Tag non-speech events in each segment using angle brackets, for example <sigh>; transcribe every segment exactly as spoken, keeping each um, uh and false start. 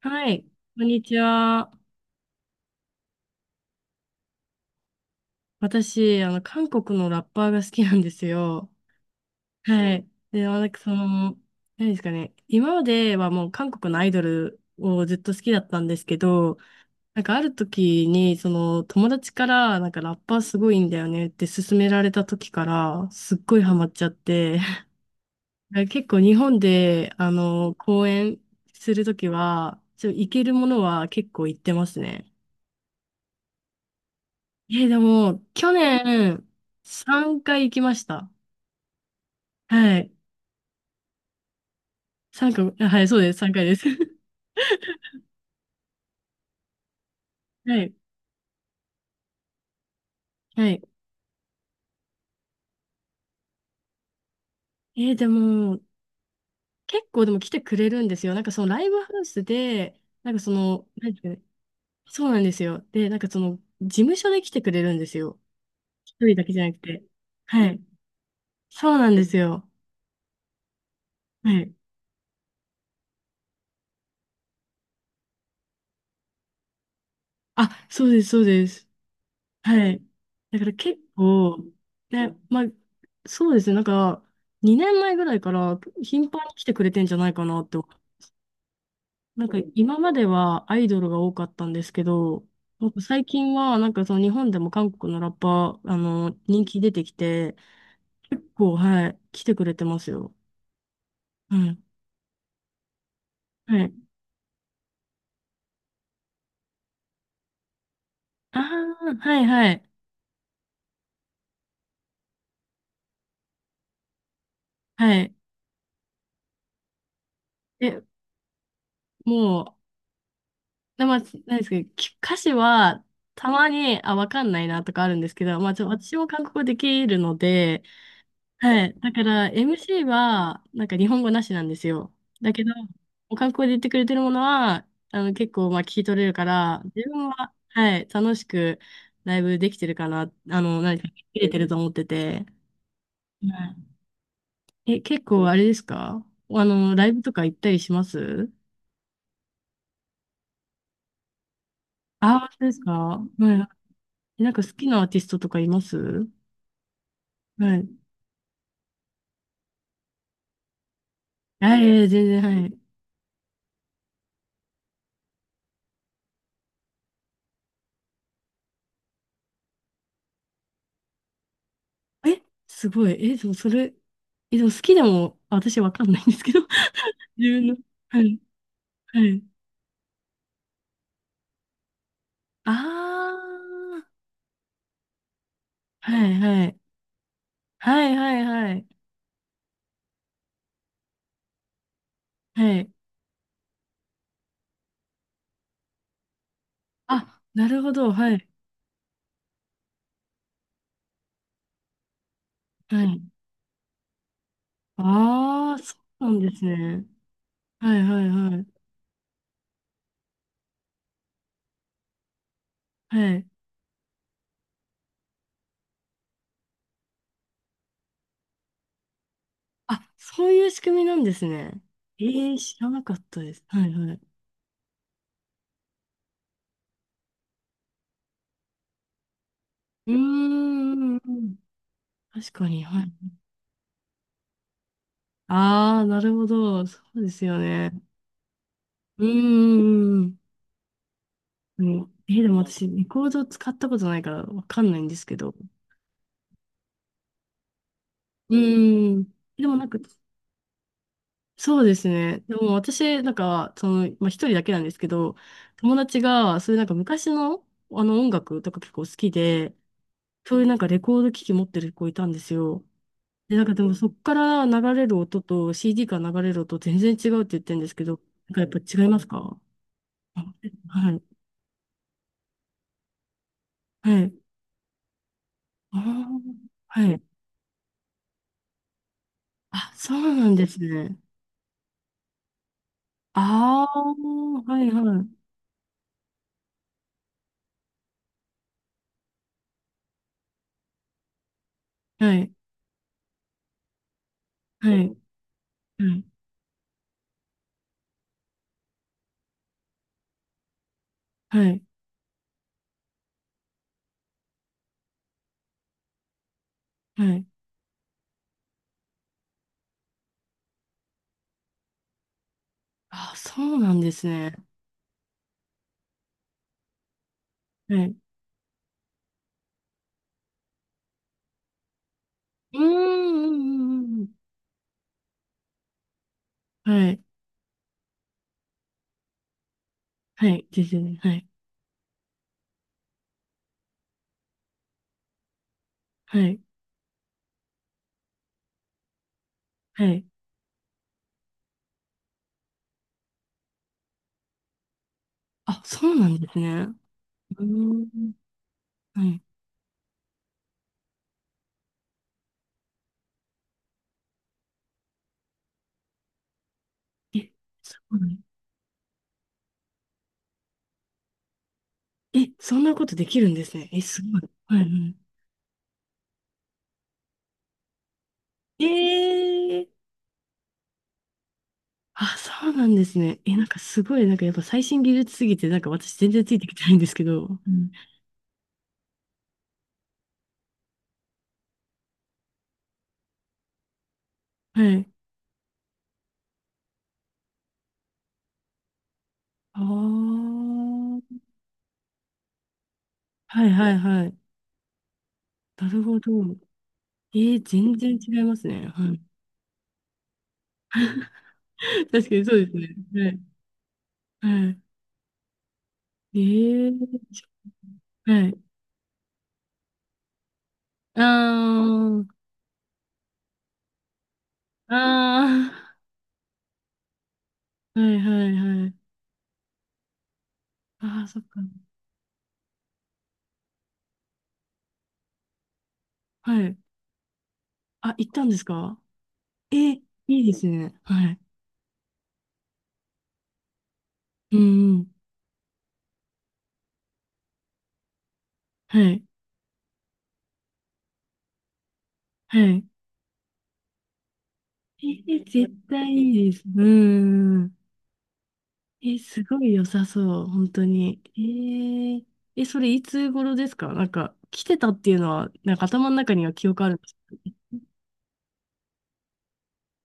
はい、こんにちは。私、あの、韓国のラッパーが好きなんですよ。はい。で、まあなんかその、何ですかね。今まではもう韓国のアイドルをずっと好きだったんですけど、なんかある時に、その、友達から、なんかラッパーすごいんだよねって勧められた時から、すっごいハマっちゃって、<laughs> 結構日本で、あの、公演するときは、ちょ、行けるものは結構行ってますね。え、でも、去年、さんかい行きました。はい。さんかい、あはい、そうです、さんかいです。<laughs> はい。はい。えーでも、結構でも来てくれるんですよ。なんかそのライブハウスで、なんかその、なんていうかね、そうなんですよ。で、なんかその、事務所で来てくれるんですよ。一人だけじゃなくて。はい。そうなんですよ。はい。あ、そうです、そうです。はい。だから結構、ね、まあ、そうですね、なんか、にねんまえぐらいから頻繁に来てくれてんじゃないかなって。なんか今まではアイドルが多かったんですけど、なんか最近はなんかその日本でも韓国のラッパー、あの、人気出てきて、結構、はい、来てくれてますよ。うん。はい。ああ、はいはい。はい。え、もう、で、まあ、なんですけど、き歌詞はたまに、あ、わかんないなとかあるんですけど、まあ、ちょ、私も韓国語できるので、はい。だから、エムシー は、なんか日本語なしなんですよ。だけど、お韓国語で言ってくれてるものは、あの、結構、まあ、聞き取れるから、自分は、はい、楽しくライブできてるかな、あの、何か切れてると思ってて。はいえ、結構、あれですか？あの、ライブとか行ったりします？ああそうですかはい。なんか好きなアーティストとかいます？はい。あ、いやいや、全然、はい。え、すごい。え、そう、それ、え、でも好きでも、私わかんないんですけど、<laughs> 自分の。はい、はい。あー、はい、はい。はい、はい、はい。はい。あ、なるほど、はい、はい。あー、そうなんですね。はい、はい、はい。はい。あ、そういう仕組みなんですね。えー、知らなかったです。はい、はい。うーん、確かに、はい。あー、なるほど、そうですよね。うーん。うん。えーでも私、レコード使ったことないからわかんないんですけど。うーん。でもなんか、そうですね。でも私、なんか、その、まあ、一人だけなんですけど、友達が、そういうなんか昔の、あの音楽とか結構好きで、そういうなんかレコード機器持ってる子いたんですよ。で、なんかでもそっから流れる音と シーディー から流れる音全然違うって言ってるんですけど、なんかやっぱ違いますか？あ <laughs> はい。はい。あーはい。あ、そうなんですね。ああ、はいはい。はい。はい。はい。はい。はい。あ、そうなんですね。はい。うーん。うんうんうんはい。はい。ですね。はい。はい。はい。あ、そうなんですね。うーん。はい。え、そうなんえ、そんなことできるんですね。え、すごい。はいはい。ええあ、そうなんですね。え、なんかすごい、なんかやっぱ最新技術すぎて、なんか私全然ついてきてないんですけど。うんはい。ああ。はいはいはい。なるほど。えー、全然違いますね。はい。<laughs> 確かにそうですね。はい。はい。えー、はい。あー、あー、はいはいはい。あー、そっか。はい。あ、行ったんですか？えー、いいですね。はい。うんうん。はい。はい。えー、絶対いいです。うんうんうん。え、すごい良さそう、本当に。えー、え、それいつ頃ですか？なんか、来てたっていうのは、なんか頭の中には記憶あるんです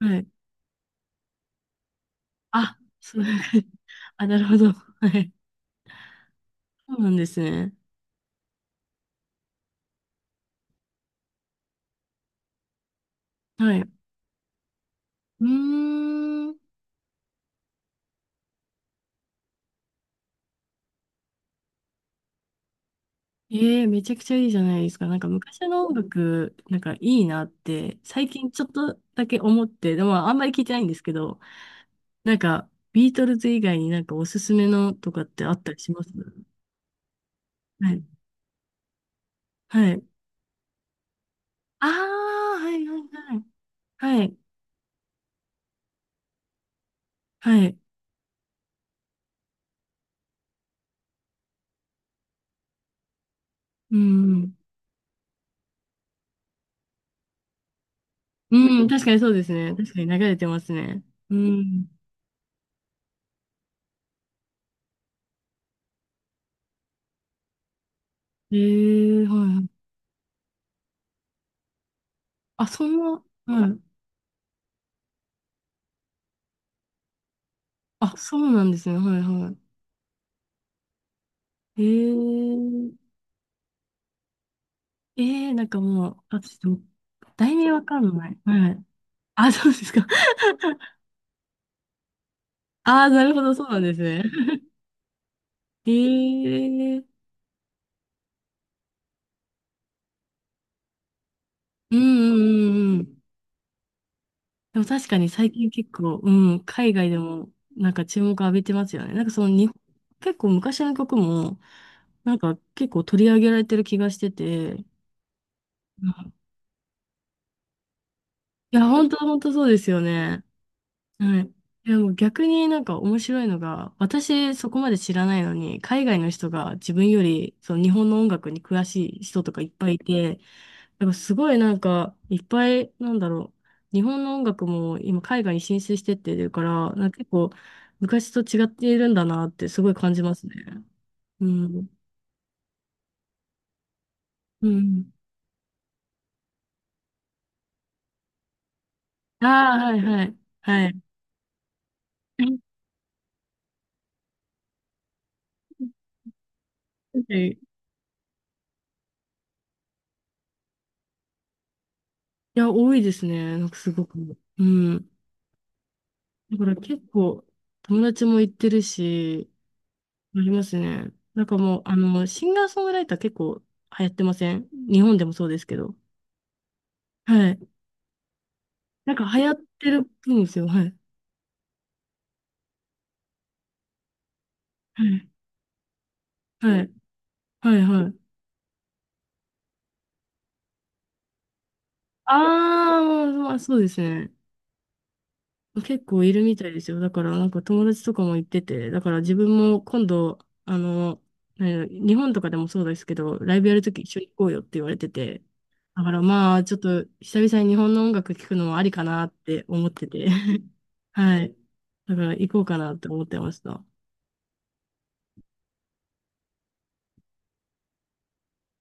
か？はい。あ、そう、<laughs> あ、なるほど。<laughs> はい。そうなんですね。はい。うーん。ええめちゃくちゃいいじゃないですか。なんか昔の音楽、なんかいいなって、最近ちょっとだけ思って、でもあんまり聞いてないんですけど、なんか、ビートルズ以外になんかおすすめのとかってあったりします？はい。はい。ああ、はいはいはい。はい、はい。うん。うん、確かにそうですね。確かに流れてますね。うん。ええはい。あ、そんな、はい。あ、そうなんですね。はいはい。ええええなんかもう、あ、ちょっと、題名わかんない。はい。あ、そうですか。ああ、なるほど、そうなんですね。ええうんうんうんうん。でも確かに最近結構、うん、海外でもなんか注目浴びてますよね。なんかその日本結構昔の曲も、なんか結構取り上げられてる気がしてて、うんいや、本当本当そうですよね。はい。でも逆になんか面白いのが、私そこまで知らないのに、海外の人が自分よりその日本の音楽に詳しい人とかいっぱいいて、なんかすごいなんかいっぱいなんだろう、日本の音楽も今海外に進出してってるから、なんか結構昔と違っているんだなってすごい感じますね。うん。うん。ああ、はいはい。はい。<laughs> はいいや、多いですね。なんかすごく。うん。だから結構友達も行ってるし、ありますね。なんかもう、あの、シンガーソングライター結構流行ってません？日本でもそうですけど。はい。なんか流行ってるっぽいんですよ。はい。はい。はい。はい。はい。あー、まあ、そうですね。結構いるみたいですよ。だからなんか友達とかも行ってて、だから自分も今度、あの、何日本とかでもそうですけど、ライブやるとき一緒に行こうよって言われてて、だからまあちょっと久々に日本の音楽聴くのもありかなって思ってて、<laughs> はい。だから行こうかなって思ってました。